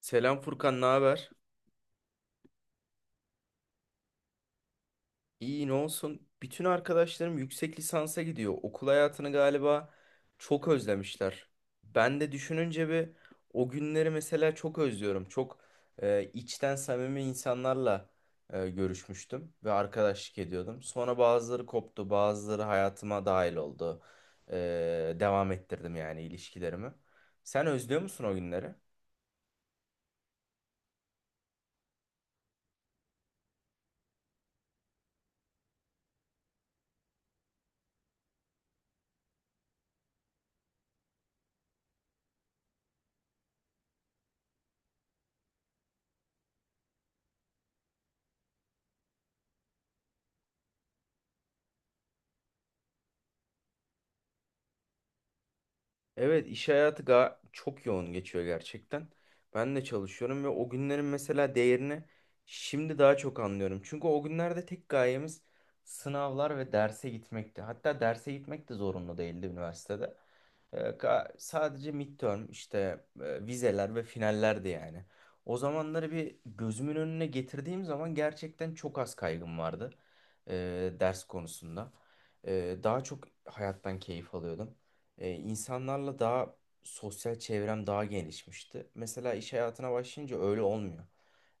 Selam Furkan, ne haber? İyi, ne olsun? Bütün arkadaşlarım yüksek lisansa gidiyor. Okul hayatını galiba çok özlemişler. Ben de düşününce bir o günleri mesela çok özlüyorum. Çok içten samimi insanlarla görüşmüştüm ve arkadaşlık ediyordum. Sonra bazıları koptu, bazıları hayatıma dahil oldu. Devam ettirdim yani ilişkilerimi. Sen özlüyor musun o günleri? Evet, iş hayatı çok yoğun geçiyor gerçekten. Ben de çalışıyorum ve o günlerin mesela değerini şimdi daha çok anlıyorum. Çünkü o günlerde tek gayemiz sınavlar ve derse gitmekti. Hatta derse gitmek de zorunlu değildi üniversitede. Sadece midterm işte vizeler ve finallerdi yani. O zamanları bir gözümün önüne getirdiğim zaman gerçekten çok az kaygım vardı e, ders konusunda. Daha çok hayattan keyif alıyordum. İnsanlarla daha sosyal çevrem daha genişmişti. Mesela iş hayatına başlayınca öyle olmuyor.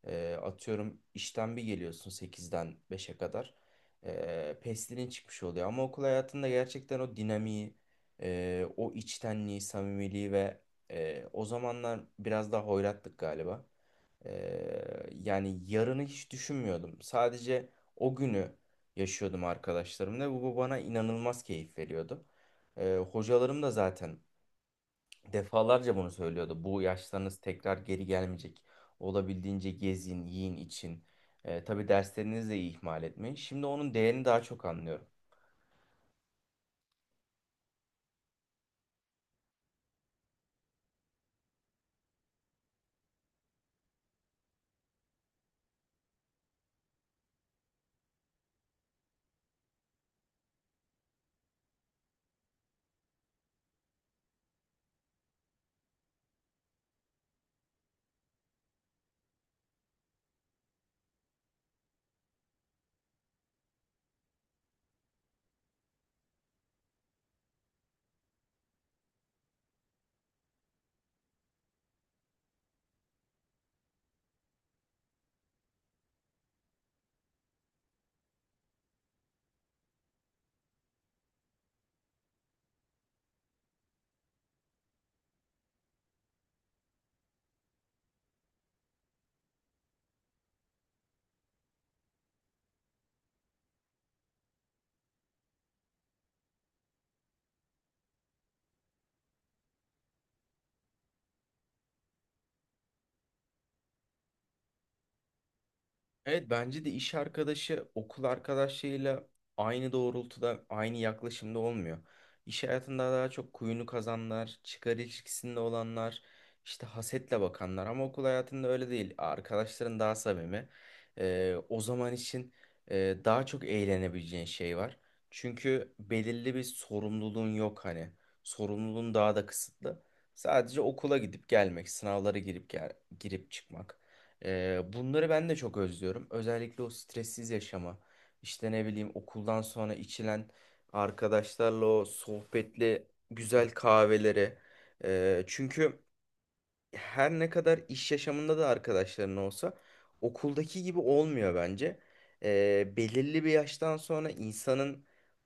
Atıyorum işten bir geliyorsun sekizden beşe kadar. Pestilin çıkmış oluyor. Ama okul hayatında gerçekten o dinamiği, o içtenliği, samimiliği ve o zamanlar biraz daha hoyrattık galiba. Yani yarını hiç düşünmüyordum. Sadece o günü yaşıyordum arkadaşlarımla ve bu bana inanılmaz keyif veriyordu. Hocalarım da zaten defalarca bunu söylüyordu. Bu yaşlarınız tekrar geri gelmeyecek. Olabildiğince gezin, yiyin, için. Tabii derslerinizi de ihmal etmeyin. Şimdi onun değerini daha çok anlıyorum. Evet, bence de iş arkadaşı okul arkadaşıyla aynı doğrultuda, aynı yaklaşımda olmuyor. İş hayatında daha çok kuyunu kazanlar, çıkar ilişkisinde olanlar, işte hasetle bakanlar ama okul hayatında öyle değil. Arkadaşların daha samimi. O zaman için daha çok eğlenebileceğin şey var. Çünkü belirli bir sorumluluğun yok hani. Sorumluluğun daha da kısıtlı. Sadece okula gidip gelmek, sınavlara girip çıkmak. Bunları ben de çok özlüyorum. Özellikle o stressiz yaşama. İşte ne bileyim okuldan sonra içilen arkadaşlarla o sohbetli güzel kahveleri. Çünkü her ne kadar iş yaşamında da arkadaşların olsa okuldaki gibi olmuyor bence. Belirli bir yaştan sonra insanın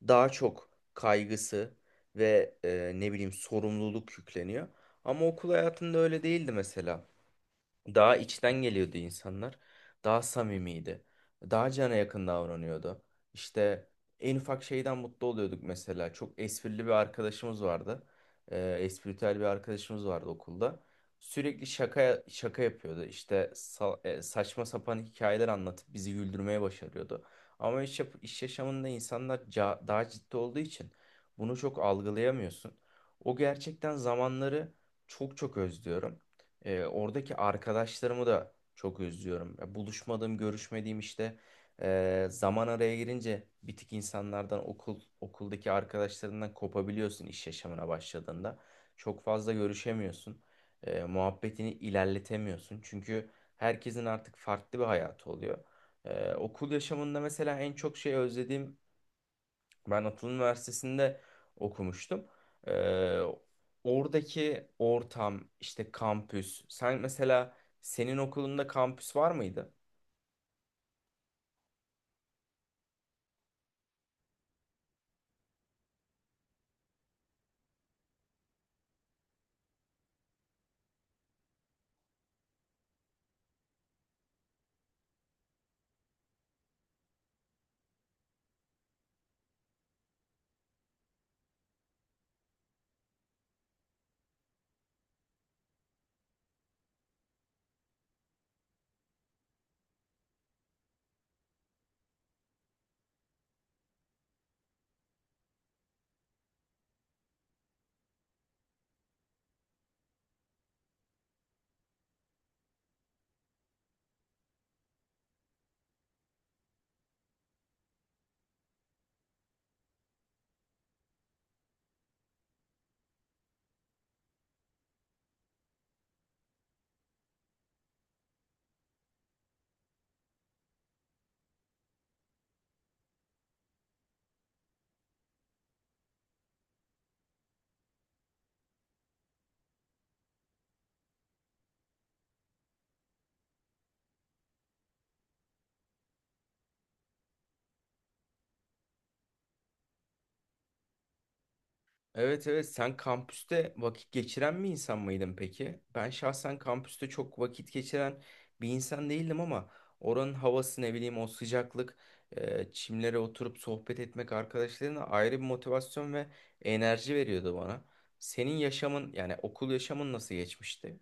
daha çok kaygısı ve ne bileyim sorumluluk yükleniyor. Ama okul hayatında öyle değildi mesela. Daha içten geliyordu insanlar. Daha samimiydi. Daha cana yakın davranıyordu. İşte en ufak şeyden mutlu oluyorduk mesela. Çok esprili bir arkadaşımız vardı. Espritüel bir arkadaşımız vardı okulda. Sürekli şaka şaka yapıyordu. İşte saçma sapan hikayeler anlatıp bizi güldürmeye başarıyordu. Ama iş yaşamında insanlar daha ciddi olduğu için bunu çok algılayamıyorsun. O gerçekten zamanları çok çok özlüyorum. Oradaki arkadaşlarımı da çok özlüyorum. Ya, buluşmadığım, görüşmediğim işte zaman araya girince bir tık insanlardan okuldaki arkadaşlarından kopabiliyorsun iş yaşamına başladığında. Çok fazla görüşemiyorsun. Muhabbetini ilerletemiyorsun. Çünkü herkesin artık farklı bir hayatı oluyor. Okul yaşamında mesela en çok şey özlediğim ben Atıl Üniversitesi'nde okumuştum. Ee, Oradaki ortam, işte kampüs. Sen mesela senin okulunda kampüs var mıydı? Evet evet, sen kampüste vakit geçiren bir insan mıydın peki? Ben şahsen kampüste çok vakit geçiren bir insan değildim ama oranın havası ne bileyim o sıcaklık, çimlere oturup sohbet etmek arkadaşlarına ayrı bir motivasyon ve enerji veriyordu bana. Senin yaşamın yani okul yaşamın nasıl geçmişti?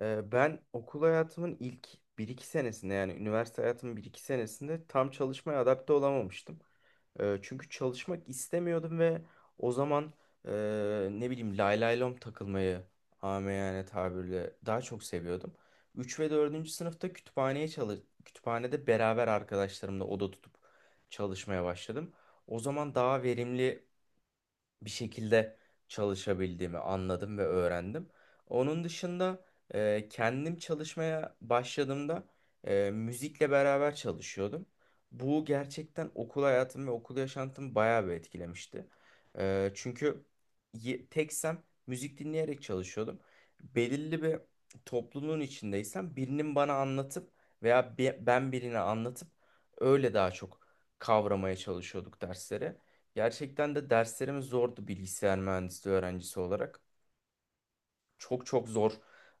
Ben okul hayatımın ilk bir iki senesinde yani üniversite hayatımın bir iki senesinde tam çalışmaya adapte olamamıştım. Çünkü çalışmak istemiyordum ve o zaman e, ne bileyim lay lay lom takılmayı amiyane tabirle daha çok seviyordum. 3 ve dördüncü sınıfta kütüphaneye çalış kütüphanede beraber arkadaşlarımla oda tutup çalışmaya başladım. O zaman daha verimli bir şekilde çalışabildiğimi anladım ve öğrendim. Onun dışında kendim çalışmaya başladığımda müzikle beraber çalışıyordum. Bu gerçekten okul hayatım ve okul yaşantımı bayağı bir etkilemişti. Çünkü teksem müzik dinleyerek çalışıyordum. Belirli bir topluluğun içindeysem birinin bana anlatıp veya ben birine anlatıp öyle daha çok kavramaya çalışıyorduk dersleri. Gerçekten de derslerimiz zordu bilgisayar mühendisliği öğrencisi olarak. Çok çok zor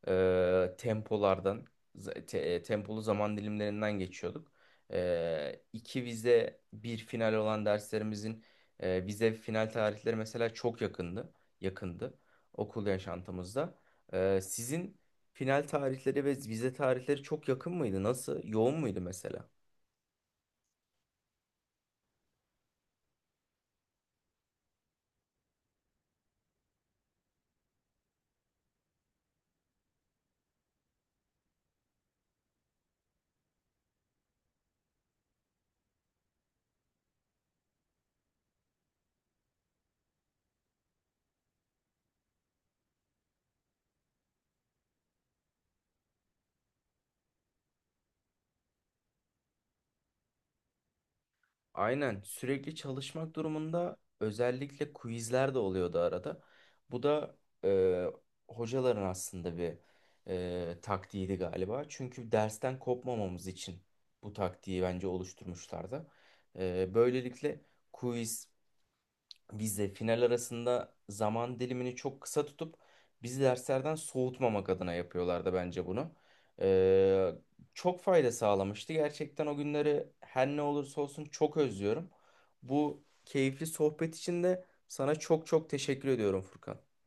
tempolardan, tempolu zaman dilimlerinden geçiyorduk. İki vize, bir final olan derslerimizin vize final tarihleri mesela çok yakındı, yakındı okul yaşantımızda. Sizin final tarihleri ve vize tarihleri çok yakın mıydı? Nasıl? Yoğun muydu mesela? Aynen, sürekli çalışmak durumunda özellikle quizler de oluyordu arada. Bu da e, hocaların aslında bir taktiğiydi galiba. Çünkü dersten kopmamamız için bu taktiği bence oluşturmuşlardı. Böylelikle quiz biz de final arasında zaman dilimini çok kısa tutup bizi derslerden soğutmamak adına yapıyorlardı bence bunu. Ee, Çok fayda sağlamıştı. Gerçekten o günleri her ne olursa olsun çok özlüyorum. Bu keyifli sohbet için de sana çok çok teşekkür ediyorum Furkan.